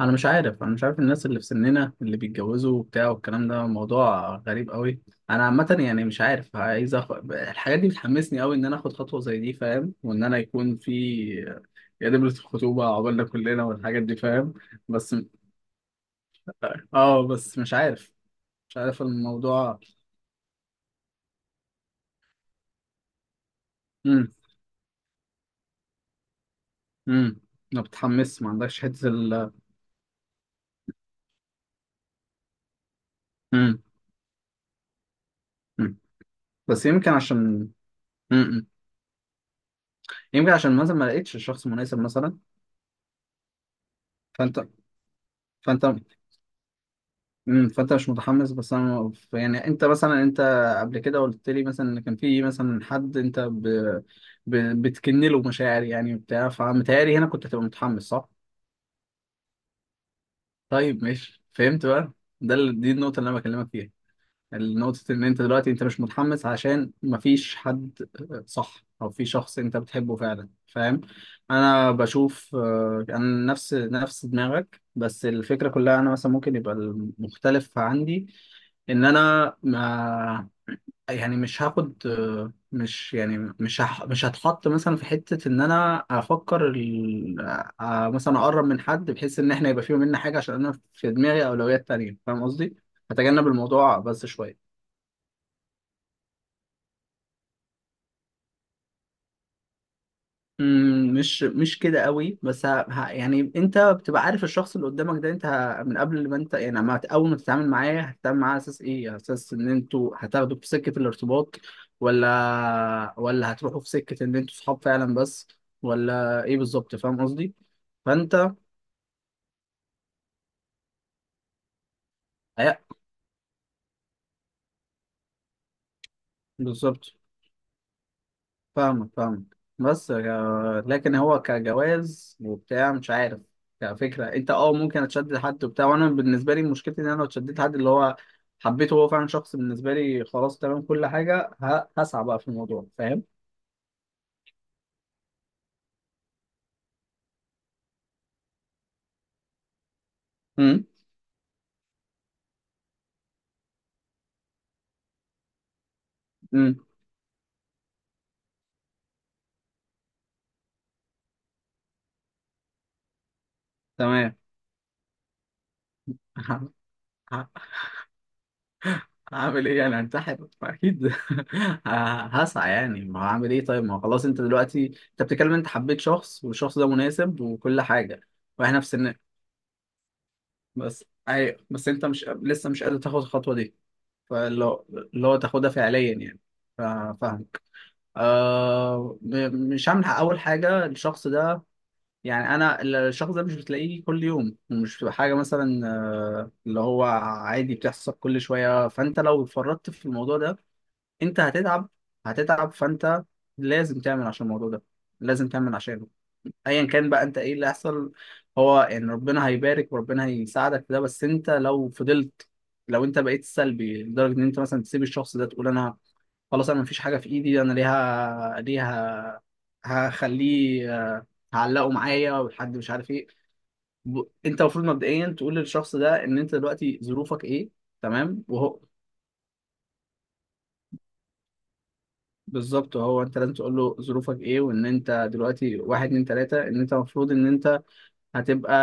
انا مش عارف الناس اللي في سننا اللي بيتجوزوا وبتاع والكلام ده موضوع غريب قوي. انا عامه يعني مش عارف الحاجات دي بتحمسني قوي ان انا اخد خطوه زي دي، فاهم؟ وان انا يكون في يا دبلة الخطوبه عقبالنا كلنا والحاجات دي، فاهم. بس. اه بس مش عارف. مش عارف الموضوع. امم امم ما بتحمس؟ ما عندكش حته امم امم بس يمكن عشان امم يمكن عشان مثلا ما لقيتش الشخص المناسب مثلا. فانت فانت فانت مش متحمس، بس انا يعني انت مثلا انت قبل كده قلت لي مثلا ان كان في مثلا حد ب... بتكن له مشاعر يعني وبتاع، فمتهيألي هنا كنت هتبقى متحمس، صح؟ طيب ماشي، فهمت بقى. دي النقطة اللي انا بكلمك فيها. نقطة إن أنت دلوقتي أنت مش متحمس عشان مفيش حد، صح؟ أو في شخص أنت بتحبه فعلا، فاهم. أنا بشوف، أنا نفس دماغك، بس الفكرة كلها أنا مثلا ممكن يبقى المختلف عندي إن أنا ما يعني مش هاخد، آه، مش يعني مش هح- مش هتحط مثلا في حتة إن أنا أفكر مثلا أقرب من حد بحيث إن إحنا يبقى فيه مننا حاجة، عشان أنا في دماغي أولويات تانية، فاهم قصدي؟ أتجنب الموضوع بس شوية. مش كده قوي بس يعني انت بتبقى عارف الشخص اللي قدامك ده انت من قبل ما انت يعني ما هت- اول ما تتعامل معاه، هتتعامل معاه على اساس ايه؟ على اساس ان انتوا هتاخدوا في سكة الارتباط ولا هتروحوا في سكة ان انتوا صحاب فعلا بس، ولا ايه بالظبط؟ فاهم قصدي؟ فانت. أي- بالظبط. فاهمك فاهمك، بس لكن هو كجواز وبتاع مش عارف. كفكرة انت اه ممكن اتشدد لحد وبتاع، وانا بالنسبة لي مشكلتي ان انا لو اتشددت لحد اللي هو حبيته، هو فعلا شخص بالنسبة لي خلاص تمام كل حاجة، هسعى بقى في الموضوع، فاهم؟ امم. امم. تمام. ه- هعمل ايه يعني؟ هنتحر اكيد. هسعى يعني، ما هعمل ايه؟ طيب ما هو خلاص انت دلوقتي انت بتتكلم، انت حبيت شخص والشخص ده مناسب وكل حاجة واحنا في سننا. بس ايوه، بس انت مش لسه، مش قادر تاخد الخطوه دي، فاللي هو اللي هو تاخدها فعليا يعني. فاهمك. مش هعمل اول حاجه الشخص ده، يعني انا الشخص ده مش بتلاقيه كل يوم، مش بتبقى حاجه مثلا، اللي هو عادي بتحصل كل شويه. فانت لو اتفرطت في الموضوع ده انت هتتعب. هتتعب، فانت لازم تعمل عشان الموضوع ده، لازم تعمل عشانه ايا كان بقى انت. ايه اللي هيحصل؟ هو يعني ربنا هيبارك وربنا هيساعدك في ده، بس انت لو فضلت، لو انت بقيت سلبي لدرجه ان انت مثلا تسيب الشخص ده تقول انا خلاص، انا مفيش حاجه في ايدي، انا ليها هخليه، آه، هعلقه معايا والحد مش عارف ايه. انت المفروض مبدئيا تقول للشخص ده ان انت دلوقتي ظروفك ايه، تمام؟ وهو بالظبط، هو انت لازم تقول له ظروفك ايه، وان انت دلوقتي واحد اتنين تلاته، ان انت المفروض ان انت هتبقى،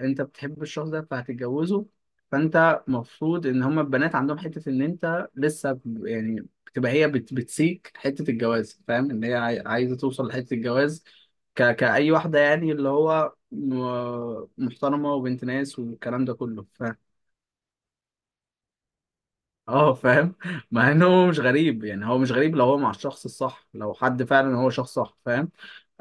انت بتحب الشخص ده فهتتجوزه. فانت مفروض ان هما البنات عندهم حتة ان انت لسه يعني بتبقى هي بت بتسيك حتة الجواز، فاهم؟ ان هي عايزة توصل لحتة الجواز، كأي واحدة يعني، اللي هو محترمة وبنت ناس والكلام ده كله. اه فاهم. مع ان هو مش غريب يعني، هو مش غريب لو هو مع الشخص الصح، لو حد فعلا هو شخص صح، فاهم.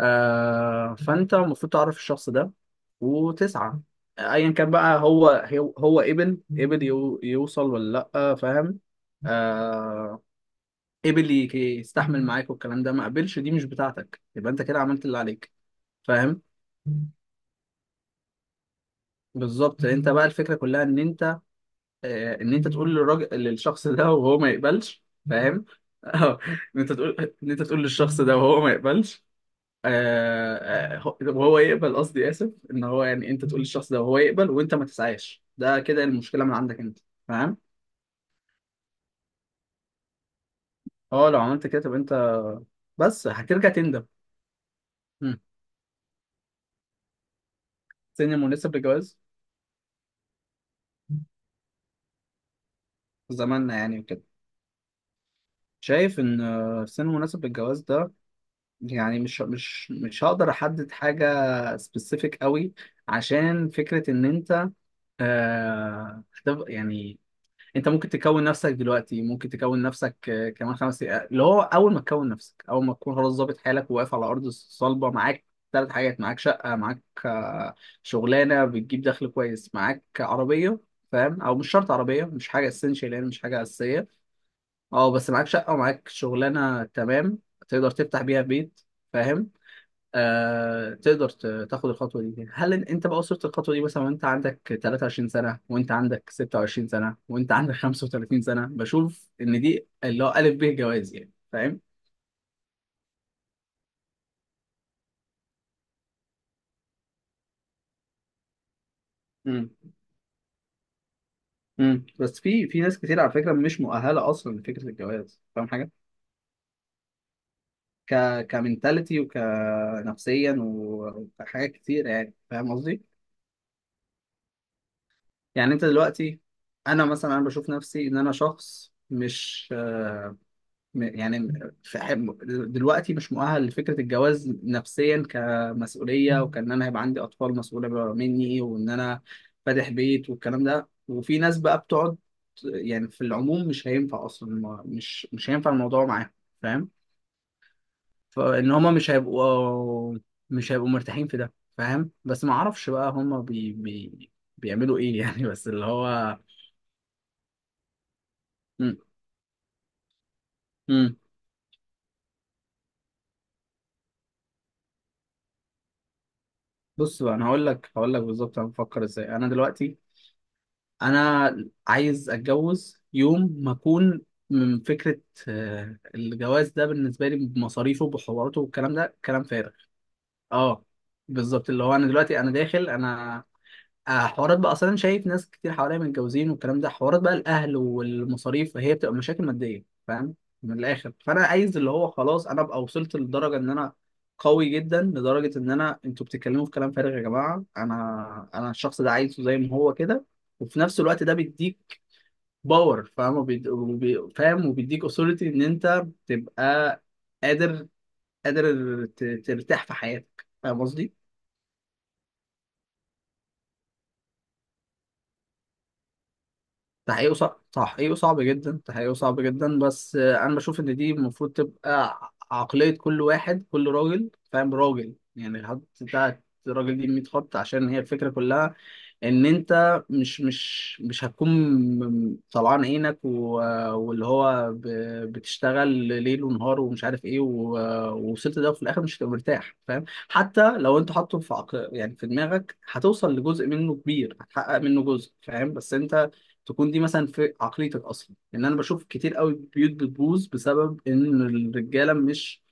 آه، فانت المفروض تعرف الشخص ده وتسعى ايا كان بقى، هو ابن يوصل ولا لا، فاهم. آه، يستحمل معاك والكلام ده، ما قبلش، دي مش بتاعتك، يبقى انت كده عملت اللي عليك، فاهم. بالظبط. انت بقى الفكره كلها ان انت ان انت تقول للراجل، للشخص ده وهو ما يقبلش، فاهم. اه. ان انت تقول، ان انت تقول للشخص ده وهو ما يقبلش. آه، وهو يقبل، قصدي اسف، ان هو يعني انت تقول للشخص ده وهو يقبل وانت ما تسعاش، ده كده المشكله من عندك انت، فاهم. اه لو عملت كده تبقى انت، بس هترجع تندم. مم. سن مناسب للجواز في زماننا يعني وكده. شايف ان سن مناسب للجواز ده يعني مش هقدر احدد حاجه سبيسيفيك قوي، عشان فكرة إن أنت. آه، طب يعني انت ممكن تكون نفسك دلوقتي، ممكن تكون نفسك كمان 5 دقايق، اللي هو اول ما تكون نفسك، اول ما تكون خلاص ظابط حالك وواقف على ارض صلبه. معاك 3 حاجات: معاك شقه، معاك شغلانه بتجيب دخل كويس، معاك عربيه، فاهم. او مش شرط عربيه، مش حاجه اسينشال يعني، مش حاجه اساسيه. اه بس معاك شقه ومعاك شغلانه، تمام، تقدر تفتح بيها بيت، فاهم. آه، تقدر تاخد الخطوه دي. هل انت بقى وصلت الخطوه دي مثلا وانت عندك 23 سنه، وانت عندك 26 سنه، وانت عندك 35 سنه؟ بشوف ان دي اللي هو الف ب جواز يعني، فاهم. امم. امم. بس في ناس كتير على فكره مش مؤهله اصلا لفكره الجواز، فاهم حاجه، ك كمنتاليتي وكنفسيا وكحاجات كتير يعني، فاهم قصدي. يعني انت دلوقتي، انا مثلا انا بشوف نفسي ان انا شخص مش يعني في حب- دلوقتي مش مؤهل لفكرة الجواز نفسيا، كمسؤولية، وكأن أنا هيبقى عندي أطفال مسؤولة بقى مني وإن أنا فاتح بيت والكلام ده. وفي ناس بقى بتقعد يعني، في العموم مش هينفع أصلا، مش هينفع الموضوع معاهم، فاهم. فإن هما مش هيبقوا، مش هيبقوا مرتاحين في ده، فاهم. بس ما أعرفش بقى هما بي بي بيعملوا إيه يعني؟ بس اللي هو م- م. بص بقى، أنا هقول لك، هقول لك بالظبط أنا بفكر إزاي. أنا دلوقتي انا عايز اتجوز يوم ما اكون من فكره الجواز ده بالنسبه لي بمصاريفه وبحواراته والكلام ده كلام فارغ. اه بالظبط، اللي هو انا دلوقتي انا داخل انا حوارات بقى، اصلا شايف ناس كتير حواليا متجوزين والكلام ده. حوارات بقى الاهل والمصاريف هي بتبقى مشاكل ماديه، فاهم. من الاخر، فانا عايز اللي هو خلاص انا ابقى وصلت لدرجه ان قوي جدا لدرجه ان انا انتوا بتتكلموا في كلام فارغ يا جماعه، انا الشخص ده عايزه زي ما هو كده. وفي نفس الوقت ده بيديك باور، فاهم، فاهم، وبيديك اثوريتي ان انت تبقى قادر، قادر ترتاح في حياتك، فاهم قصدي؟ تحقيقه صعب، تحقيقه صعب جدا، تحقيقه صعب جدا، بس انا بشوف ان دي المفروض تبقى عقلية كل واحد، كل راجل، فاهم، راجل يعني. الحد بتاعت الراجل دي 100 خط، عشان هي الفكرة كلها ان انت مش هتكون طلعان عينك و... واللي هو ب... بتشتغل ليل ونهار ومش عارف ايه ووصلت ده وفي الاخر مش هتبقى مرتاح، فاهم. حتى لو انت يعني في دماغك هتوصل لجزء منه كبير، هتحقق منه جزء، فاهم، بس انت تكون دي مثلا في عقليتك اصلا، لان انا بشوف كتير قوي بيوت بتبوظ بسبب ان الرجاله مش،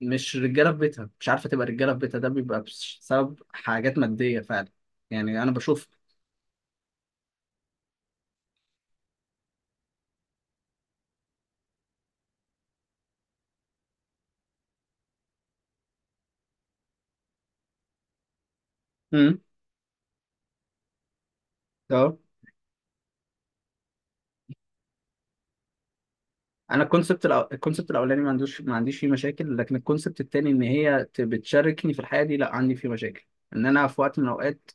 مش رجاله في بيتها، مش عارفه تبقى رجاله في بيتها، ده بيبقى بسبب حاجات ماديه فعلا يعني. انا بشوف. امم. اه انا الكونسبت الكونسبت الاولاني ما عندوش، ما عنديش فيه مشاكل، لكن الكونسبت التاني ان هي بتشاركني في الحياه دي، لا عندي فيه مشاكل، ان انا في وقت من الاوقات،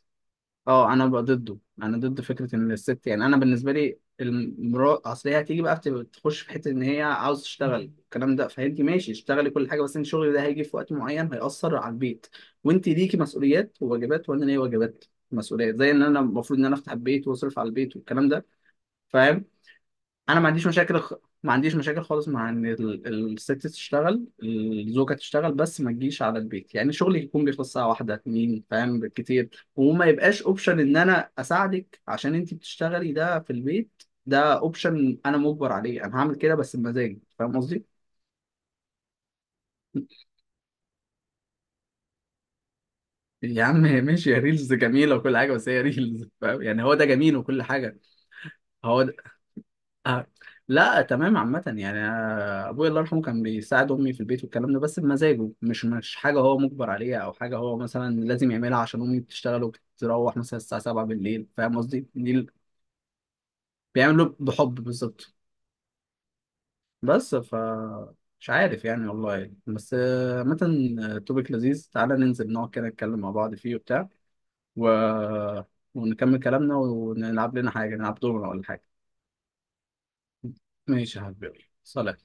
اه انا بقى ضده. انا ضد فكره ان الست يعني، انا بالنسبه لي المراه اصل هي هتيجي بقى تخش في حته ان هي عاوز تشتغل الكلام ده، فانت ماشي اشتغلي كل حاجه، بس انت شغلك ده هيجي في وقت معين هيأثر على البيت، وانت ليكي مسؤوليات وواجبات، وانا ليا واجبات، مسؤوليات، زي ان انا المفروض ان انا افتح البيت واصرف على البيت والكلام ده، فاهم. انا ما عنديش مشاكل ما عنديش مشاكل خالص مع ان الست تشتغل، الزوجه تشتغل، بس ما تجيش على البيت، يعني شغلي يكون بيخلص ساعه واحده اتنين، فاهم، بالكتير. وما يبقاش اوبشن ان انا اساعدك عشان انت بتشتغلي، ده في البيت ده اوبشن، انا مجبر عليه، انا هعمل كده بس بمزاجي، فاهم قصدي. يا عم ماشي، يا ريلز جميله وكل حاجه، بس هي ريلز، فاهم يعني، هو ده جميل وكل حاجه. هو آه. لا تمام عامة يعني، أنا أبويا الله يرحمه كان بيساعد أمي في البيت والكلام ده، بس بمزاجه، مش مش حاجة هو مجبر عليها أو حاجة هو مثلا لازم يعملها عشان أمي بتشتغل وبتروح مثلا الساعة 7 بالليل، فاهم قصدي؟ بيعمله بحب، بالظبط. بس ف مش عارف يعني والله يعني. بس عامة، توبيك لذيذ، تعالى ننزل نقعد كده نتكلم مع بعض فيه وبتاع و... ونكمل كلامنا ونلعب لنا حاجة، نلعب دورنا ولا حاجة. ماشي يا حبيبي، صلاة.